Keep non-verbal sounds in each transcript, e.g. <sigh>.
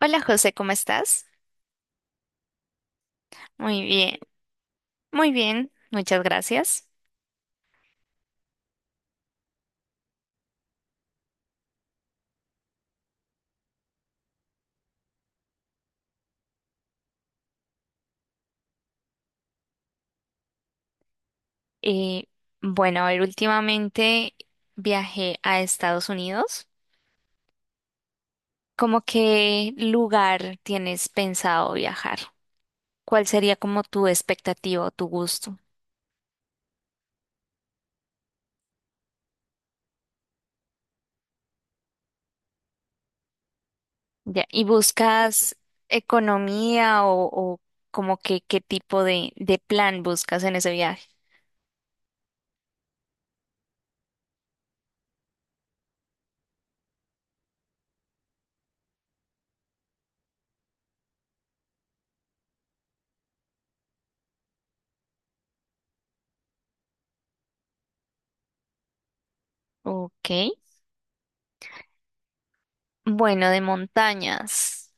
Hola José, ¿cómo estás? Muy bien, muy bien, muchas gracias. Eh, bueno, a ver, últimamente viajé a Estados Unidos. ¿Cómo qué lugar tienes pensado viajar? ¿Cuál sería como tu expectativa o tu gusto? Ya, ¿y buscas economía o como que qué tipo de plan buscas en ese viaje? Ok. Bueno, de montañas.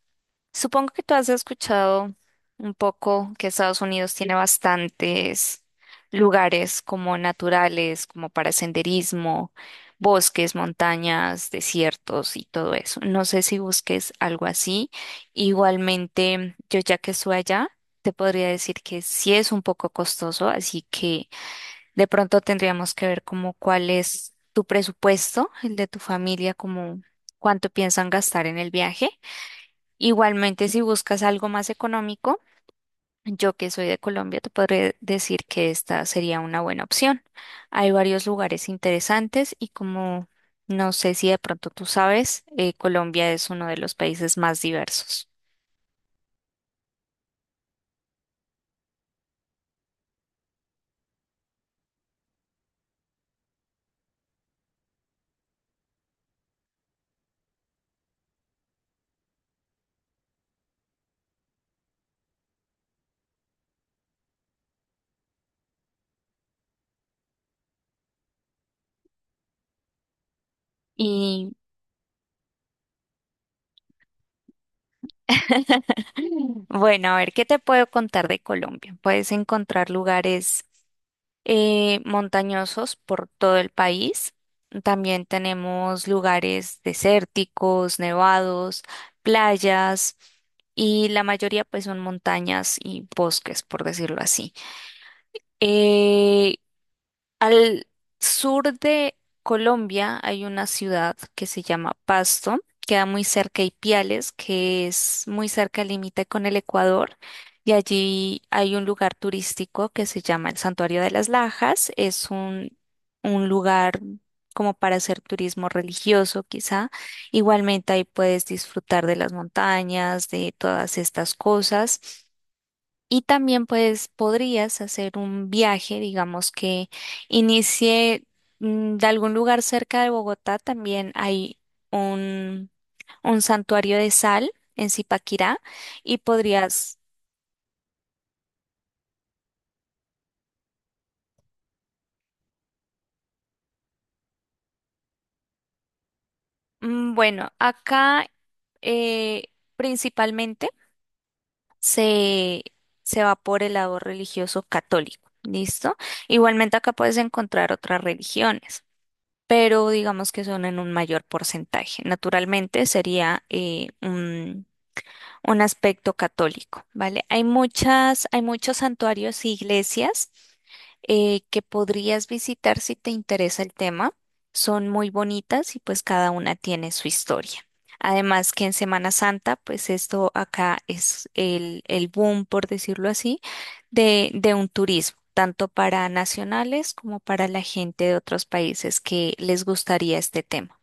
Supongo que tú has escuchado un poco que Estados Unidos tiene bastantes lugares como naturales, como para senderismo, bosques, montañas, desiertos y todo eso. No sé si busques algo así. Igualmente, yo ya que estoy allá, te podría decir que sí es un poco costoso, así que... De pronto tendríamos que ver como cuál es tu presupuesto, el de tu familia, como cuánto piensan gastar en el viaje. Igualmente, si buscas algo más económico, yo que soy de Colombia, te podré decir que esta sería una buena opción. Hay varios lugares interesantes y como no sé si de pronto tú sabes, Colombia es uno de los países más diversos. Y <clears throat> bueno, a ver, ¿qué te puedo contar de Colombia? Puedes encontrar lugares montañosos por todo el país. También tenemos lugares desérticos, nevados, playas y la mayoría pues son montañas y bosques, por decirlo así. Eh, Al sur de Colombia hay una ciudad que se llama Pasto, queda muy cerca de Ipiales, que es muy cerca al límite con el Ecuador, y allí hay un lugar turístico que se llama el Santuario de las Lajas, es un lugar como para hacer turismo religioso quizá, igualmente ahí puedes disfrutar de las montañas, de todas estas cosas. Y también pues podrías hacer un viaje, digamos que inicie de algún lugar cerca de Bogotá, también hay un, un santuario de sal en Zipaquirá y podrías, bueno, acá eh, principalmente se, se va por el lado religioso católico, ¿listo? Igualmente acá puedes encontrar otras religiones, pero digamos que son en un mayor porcentaje. Naturalmente sería un aspecto católico, ¿vale? Hay muchas, hay muchos santuarios e iglesias que podrías visitar si te interesa el tema. Son muy bonitas y pues cada una tiene su historia. Además que en Semana Santa, pues esto acá es el boom, por decirlo así, de un turismo, tanto para nacionales como para la gente de otros países que les gustaría este tema.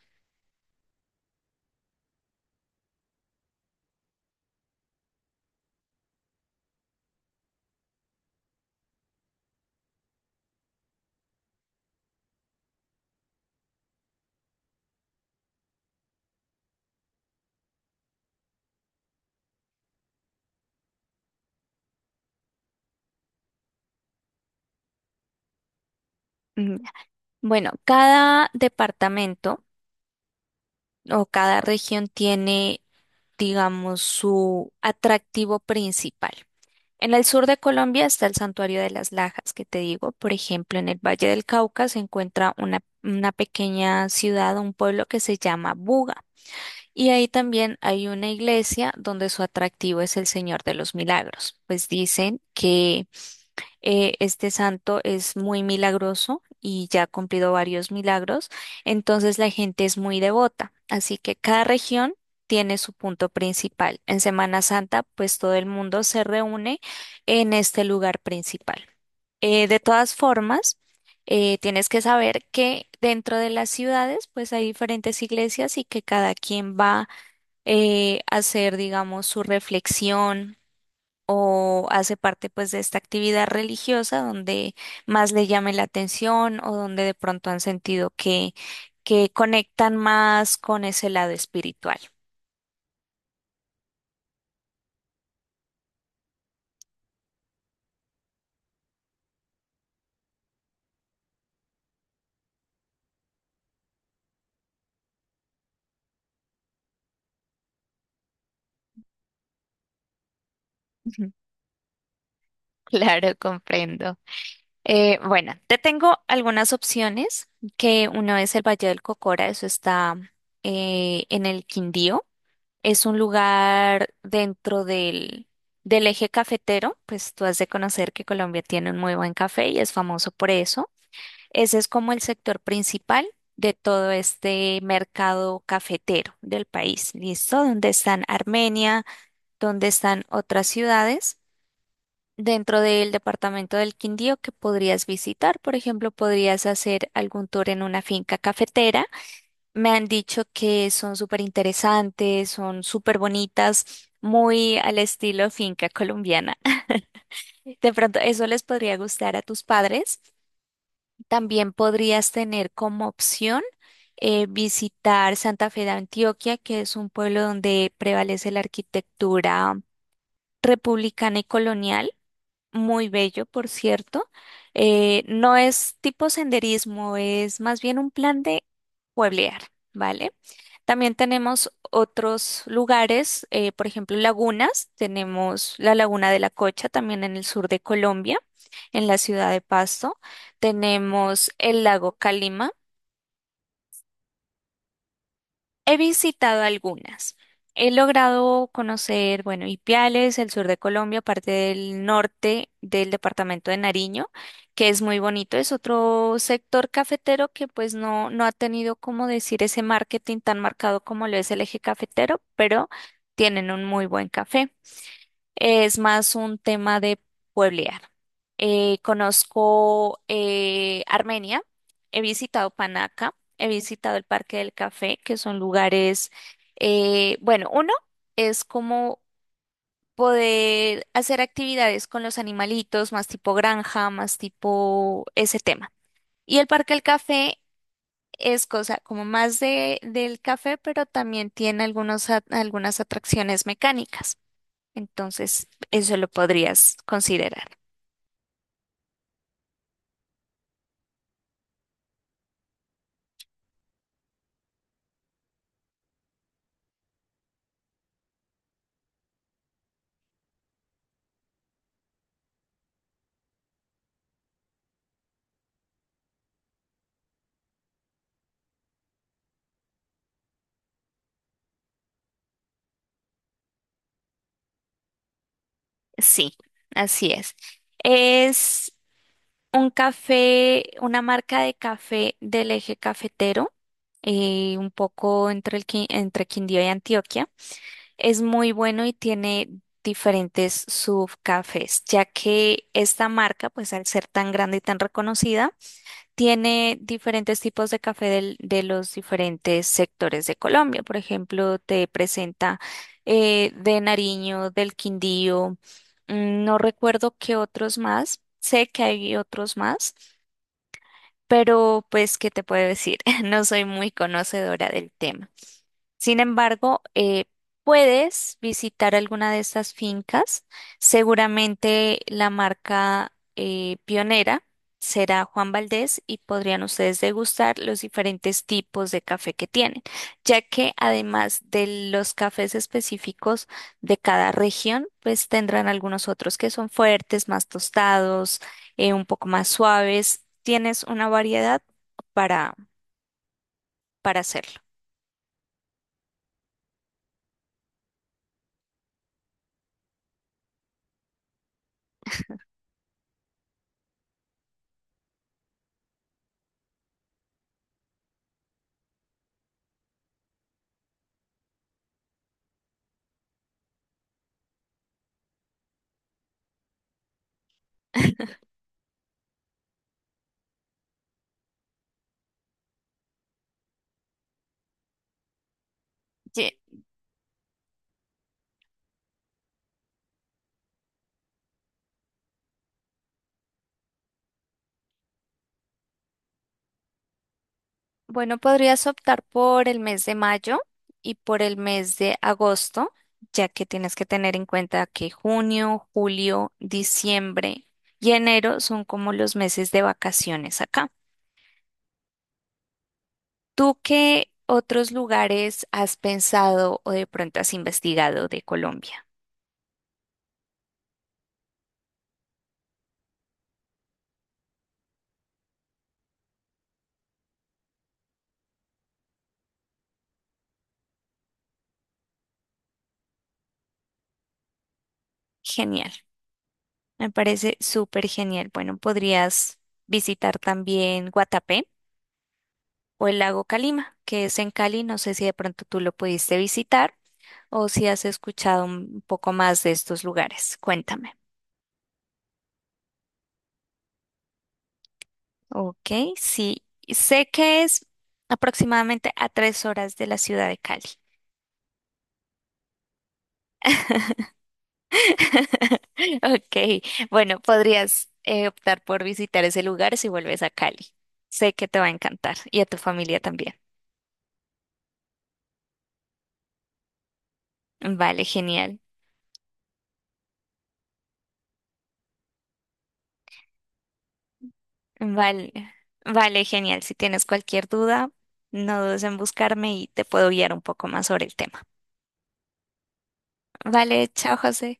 Mm, bueno, cada departamento o cada región tiene, digamos, su atractivo principal. En el sur de Colombia está el Santuario de las Lajas, que te digo, por ejemplo, en el Valle del Cauca se encuentra una pequeña ciudad, un pueblo que se llama Buga, y ahí también hay una iglesia donde su atractivo es el Señor de los Milagros, pues dicen que este santo es muy milagroso y ya ha cumplido varios milagros, entonces la gente es muy devota, así que cada región tiene su punto principal. En Semana Santa, pues todo el mundo se reúne en este lugar principal. De todas formas, tienes que saber que dentro de las ciudades, pues hay diferentes iglesias y que cada quien va a hacer, digamos, su reflexión o hace parte pues de esta actividad religiosa donde más le llame la atención o donde de pronto han sentido que conectan más con ese lado espiritual. <laughs> Claro, comprendo. Bueno, te tengo algunas opciones, que uno es el Valle del Cocora, eso está en el Quindío, es un lugar dentro del eje cafetero, pues tú has de conocer que Colombia tiene un muy buen café y es famoso por eso. Ese es como el sector principal de todo este mercado cafetero del país, ¿listo? Donde están Armenia, donde están otras ciudades dentro del departamento del Quindío que podrías visitar. Por ejemplo, podrías hacer algún tour en una finca cafetera. Me han dicho que son súper interesantes, son súper bonitas, muy al estilo finca colombiana. <laughs> De pronto, eso les podría gustar a tus padres. También podrías tener como opción visitar Santa Fe de Antioquia, que es un pueblo donde prevalece la arquitectura republicana y colonial, muy bello, por cierto. No es tipo senderismo, es más bien un plan de pueblear, ¿vale? También tenemos otros lugares, por ejemplo, lagunas. Tenemos la Laguna de la Cocha, también en el sur de Colombia, en la ciudad de Pasto. Tenemos el lago Calima. He visitado algunas. He logrado conocer, bueno, Ipiales, el sur de Colombia, parte del norte del departamento de Nariño, que es muy bonito. Es otro sector cafetero que pues no, no ha tenido, como decir, ese marketing tan marcado como lo es el eje cafetero, pero tienen un muy buen café. Es más un tema de pueblear. Conozco Armenia, he visitado Panaca, he visitado el Parque del Café, que son lugares, bueno, uno es como poder hacer actividades con los animalitos, más tipo granja, más tipo ese tema. Y el Parque del Café es cosa como más del café, pero también tiene algunas atracciones mecánicas. Entonces, eso lo podrías considerar. Sí, así es. Es un café, una marca de café del eje cafetero, un poco entre entre Quindío y Antioquia. Es muy bueno y tiene diferentes subcafés, ya que esta marca, pues al ser tan grande y tan reconocida, tiene diferentes tipos de café de los diferentes sectores de Colombia. Por ejemplo, te presenta de Nariño, del Quindío, mm, no recuerdo qué otros más. Sé que hay otros más, pero pues, ¿qué te puedo decir? <laughs> No soy muy conocedora del tema. Sin embargo, puedes visitar alguna de estas fincas. Seguramente la marca pionera será Juan Valdés y podrían ustedes degustar los diferentes tipos de café que tienen, ya que además de los cafés específicos de cada región, pues tendrán algunos otros que son fuertes, más tostados, un poco más suaves. Tienes una variedad para, para hacerlo. Bueno, podrías optar por el mes de mayo y por el mes de agosto, ya que tienes que tener en cuenta que junio, julio, diciembre y enero son como los meses de vacaciones acá. ¿Tú qué otros lugares has pensado o de pronto has investigado de Colombia? Genial, me parece súper genial. Bueno, podrías visitar también Guatapé o el lago Calima, que es en Cali. No sé si de pronto tú lo pudiste visitar o si has escuchado un poco más de estos lugares. Cuéntame. Ok, sí, sé que es aproximadamente a 3 horas de la ciudad de Cali. <laughs> Ok, bueno, podrías optar por visitar ese lugar si vuelves a Cali. Sé que te va a encantar y a tu familia también. Vale, genial. Vale, vale, genial. Si tienes cualquier duda, no dudes en buscarme y te puedo guiar un poco más sobre el tema. Vale, chao, José.